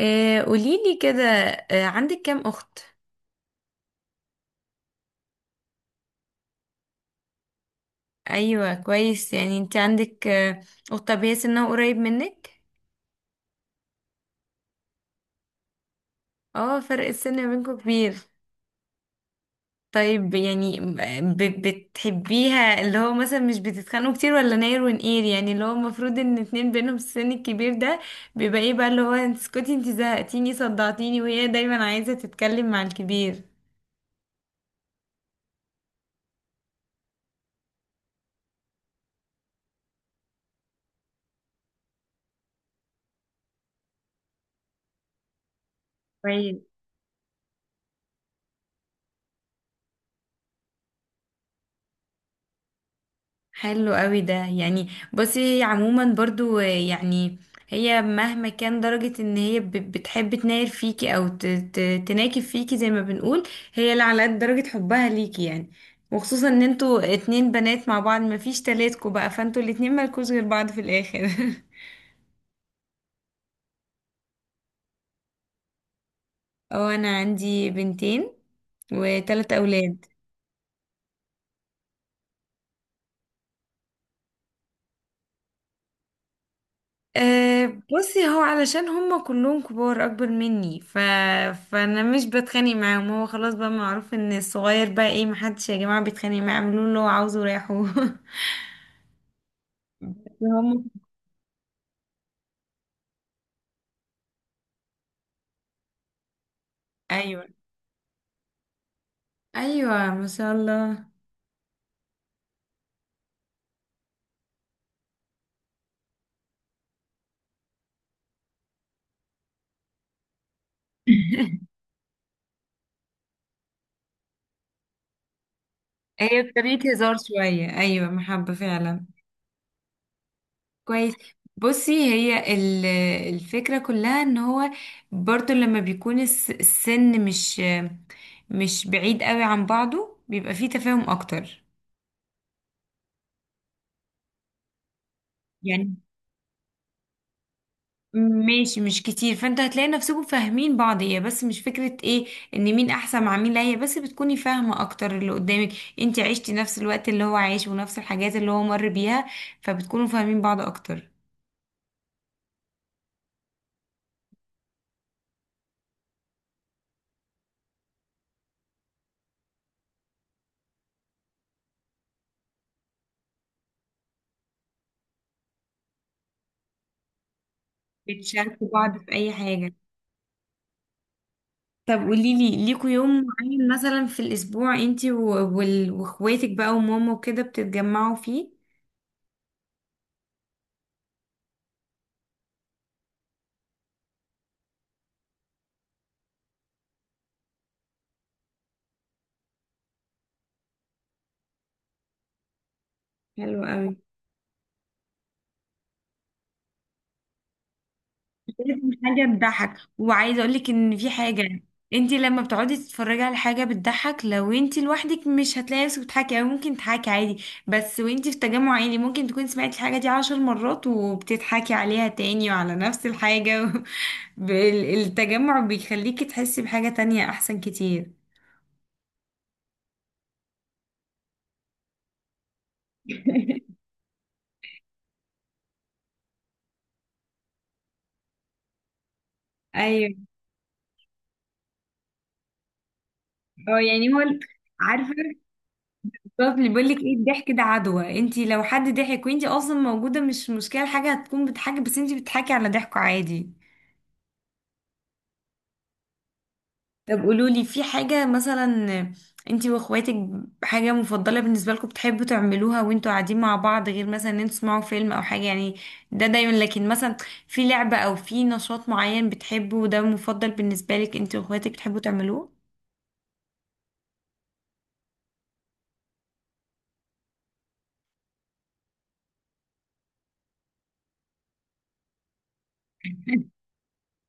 آه قوليلي كده. آه، عندك كام أخت؟ أيوة كويس، يعني انت عندك أخت. طب هي سنها قريب منك؟ اه، فرق السن ما بينكم كبير. طيب يعني ب بتحبيها، اللي هو مثلا مش بتتخانقوا كتير ولا ناير ونقير، يعني اللي هو المفروض ان اتنين بينهم السن الكبير ده بيبقى ايه بقى، اللي هو انت اسكتي انت زهقتيني صدعتيني، وهي دايما عايزة تتكلم مع الكبير. كويس. حلو قوي ده. يعني بصي، هي عموما برضو، يعني هي مهما كان درجة ان هي بتحب تناير فيكي او تناكب فيكي زي ما بنقول، هي اللي على قد درجة حبها ليكي يعني. وخصوصا ان انتوا اتنين بنات مع بعض، مفيش تلاتكوا بقى، فانتوا الاتنين مالكوش غير بعض في الاخر. اه، انا عندي بنتين وتلات اولاد. أه، بصي هو علشان هم كلهم كبار اكبر مني، فانا مش بتخانق معاهم. هو خلاص بقى معروف ان الصغير بقى ايه، محدش يا جماعة بيتخانق معاه، اعملوا له اللي هو عاوزه وريحوه. هم. ايوه، ايوه ما شاء الله. هي بطريقة هزار شوية، أيوة محبة فعلا. كويس. بصي هي الفكرة كلها ان هو برضو لما بيكون السن مش مش بعيد قوي عن بعضه بيبقى فيه تفاهم اكتر. يعني ماشي، مش كتير، فانت هتلاقي نفسكم فاهمين بعض. هي بس مش فكرة ايه، ان مين احسن مع مين، لا هي بس بتكوني فاهمة اكتر اللي قدامك. انت عشتي نفس الوقت اللي هو عايش ونفس الحاجات اللي هو مر بيها، فبتكونوا فاهمين بعض اكتر. بتشاركوا بعض في اي حاجة. طب قوليلي، ليكوا يوم معين مثلا في الاسبوع انت واخواتك بقى وماما وكده بتتجمعوا فيه؟ حلو قوي. لازم حاجة تضحك. وعايزة اقولك ان في حاجة، انت لما بتقعدي تتفرجي على حاجة بتضحك لو انت لوحدك مش هتلاقي نفسك بتضحكي، او ممكن تضحكي عادي بس، وانت في تجمع عائلي ممكن تكوني سمعتي الحاجة دي عشر مرات وبتضحكي عليها تاني وعلى نفس الحاجة. و... التجمع بيخليكي تحسي بحاجة تانية احسن كتير. ايوه. اه يعني هو عارفه الأستاذ اللي بيقول لك ايه، الضحك ده عدوى، انت لو حد ضحك وانت اصلا موجوده مش مشكله الحاجه هتكون بتضحكي، بس انت بتضحكي على ضحكه عادي. طب قولولي، في حاجة مثلا انتي واخواتك، حاجة مفضلة بالنسبة لكم بتحبوا تعملوها وانتوا قاعدين مع بعض، غير مثلا ان انتوا تسمعوا فيلم او حاجة يعني، ده دايما، لكن مثلا في لعبة او في نشاط معين بتحبه وده مفضل بالنسبة لك انتي واخواتك بتحبوا تعملوه.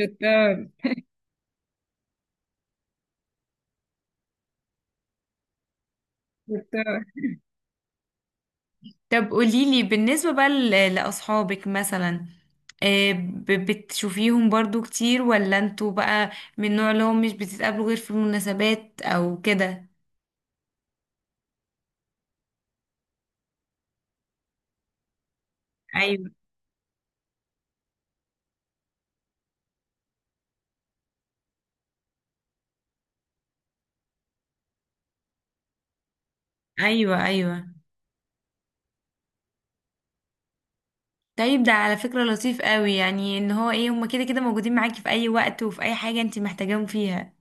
شطار. شطار. طب قوليلي بالنسبة بقى لأصحابك مثلا، آه، بتشوفيهم برضو كتير، ولا انتوا بقى من النوع اللي هم مش بتتقابلوا غير في المناسبات او كده؟ ايوه. ايوه. ايوه. طيب ده على فكرة لطيف قوي، يعني ان هو ايه، هما كده كده موجودين معاكي في اي وقت وفي اي حاجة انت محتاجاهم فيها.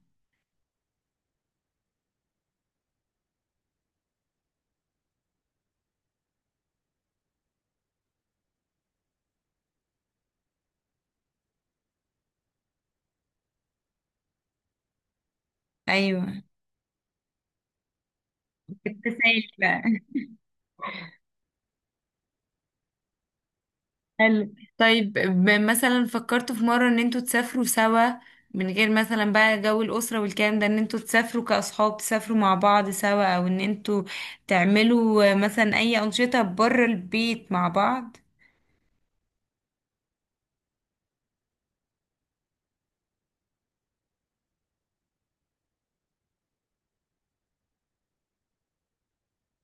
ايوه. التسايل بقى. حلو. طيب مثلا فكرتوا في مرة ان انتوا تسافروا سوا، من غير مثلا بقى جو الأسرة والكلام ده، ان انتوا تسافروا كأصحاب تسافروا مع بعض سوا، او ان انتوا تعملوا مثلا اي أنشطة بره البيت مع بعض؟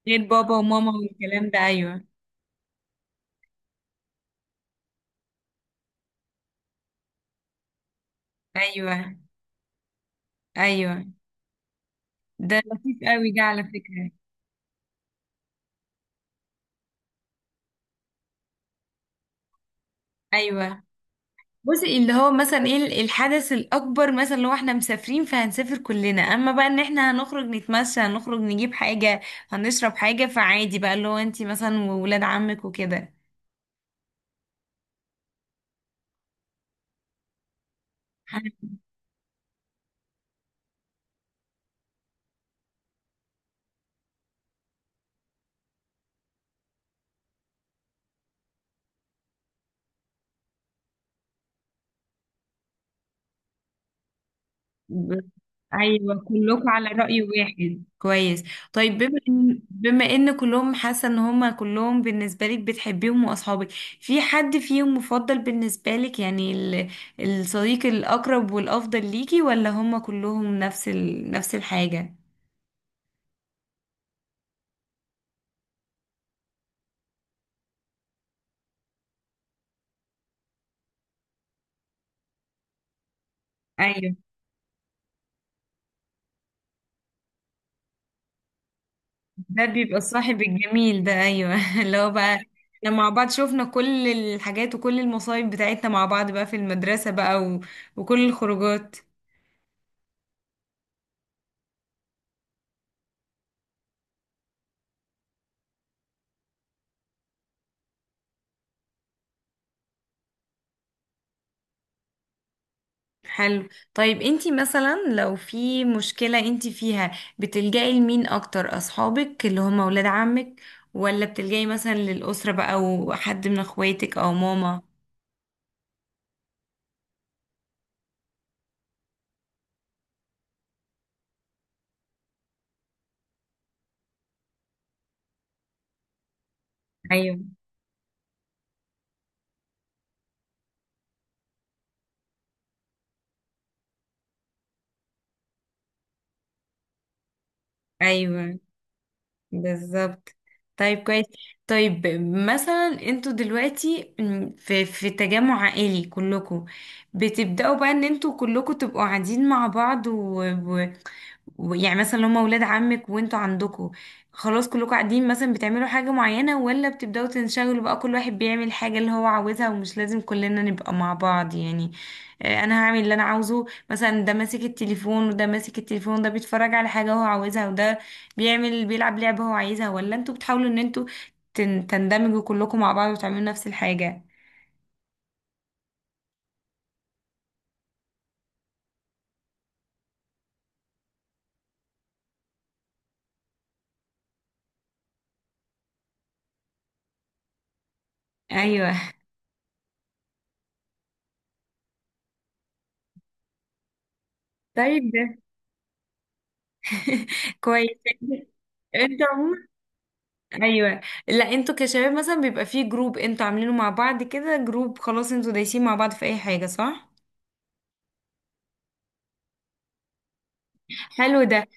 غير بابا وماما والكلام ده ايوه. ايوه. ايوه. ده لطيف قوي ده على فكرة. ايوه. بصي اللي هو مثلا ايه الحدث الاكبر مثلا لو احنا مسافرين فهنسافر كلنا، اما بقى ان احنا هنخرج نتمشى، هنخرج نجيب حاجة، هنشرب حاجة، فعادي بقى اللي هو انتي مثلا وولاد عمك وكده. حاجة- ب- ايوه كلكم على رأي واحد، كويس. طيب، بما ان بما ان كلهم حاسة ان هما كلهم بالنسبة لك بتحبيهم واصحابك، في حد فيهم مفضل بالنسبة لك، يعني الصديق الاقرب والافضل ليكي، ولا هما كلهم نفس نفس الحاجة؟ ايوه، ده بيبقى الصاحب الجميل ده، ايوه. اللي هو بقى احنا مع بعض شوفنا كل الحاجات وكل المصايب بتاعتنا مع بعض بقى في المدرسة بقى و... وكل الخروجات. حلو. طيب انتي مثلا لو في مشكلة انتي فيها، بتلجأي لمين اكتر، اصحابك اللي هم ولاد عمك، ولا بتلجأي مثلا للأسرة بقى وحد من اخواتك او ماما؟ ايوه. ايوه. بالظبط. طيب كويس. طيب مثلا انتوا دلوقتي في تجمع عائلي كلكم، بتبدأوا بقى ان انتوا كلكم تبقوا قاعدين مع بعض، يعني مثلا لو هما ولاد عمك وانتوا عندكوا خلاص كلكوا قاعدين، مثلا بتعملوا حاجة معينة، ولا بتبدأوا تنشغلوا بقى كل واحد بيعمل حاجة اللي هو عاوزها ومش لازم كلنا نبقى مع بعض يعني، آه، انا هعمل اللي انا عاوزه مثلا، ده ماسك التليفون وده ماسك التليفون، ده بيتفرج على حاجة هو عاوزها وده بيعمل بيلعب لعبة هو عايزها، ولا انتوا بتحاولوا ان انتوا تندمجوا كلكوا مع بعض وتعملوا نفس الحاجة؟ ايوه. طيب ده كويس. انت عموما ايوه. لا انتوا كشباب مثلا بيبقى فيه جروب انتوا عاملينه مع بعض، كده جروب خلاص انتوا دايسين مع بعض في اي حاجه، صح؟ حلو ده.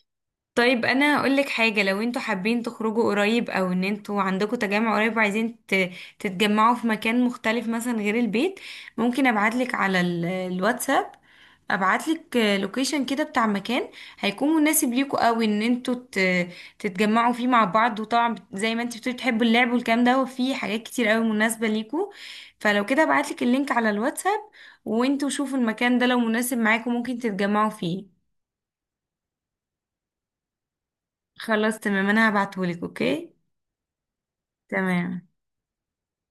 طيب انا هقول لك حاجه، لو انتوا حابين تخرجوا قريب او ان انتوا عندكم تجمع قريب وعايزين تتجمعوا في مكان مختلف مثلا غير البيت، ممكن ابعت لك على الواتساب، ابعت لك لوكيشن كده بتاع مكان هيكون مناسب ليكوا قوي ان انتوا تتجمعوا فيه مع بعض. وطبعا زي ما انت بتقولي بتحبوا اللعب والكلام ده، وفي حاجات كتير قوي مناسبه ليكوا. فلو كده ابعت لك اللينك على الواتساب، وانتوا شوفوا المكان ده لو مناسب معاكم ممكن تتجمعوا فيه. خلاص تمام، انا هبعتهولك، اوكي. تمام.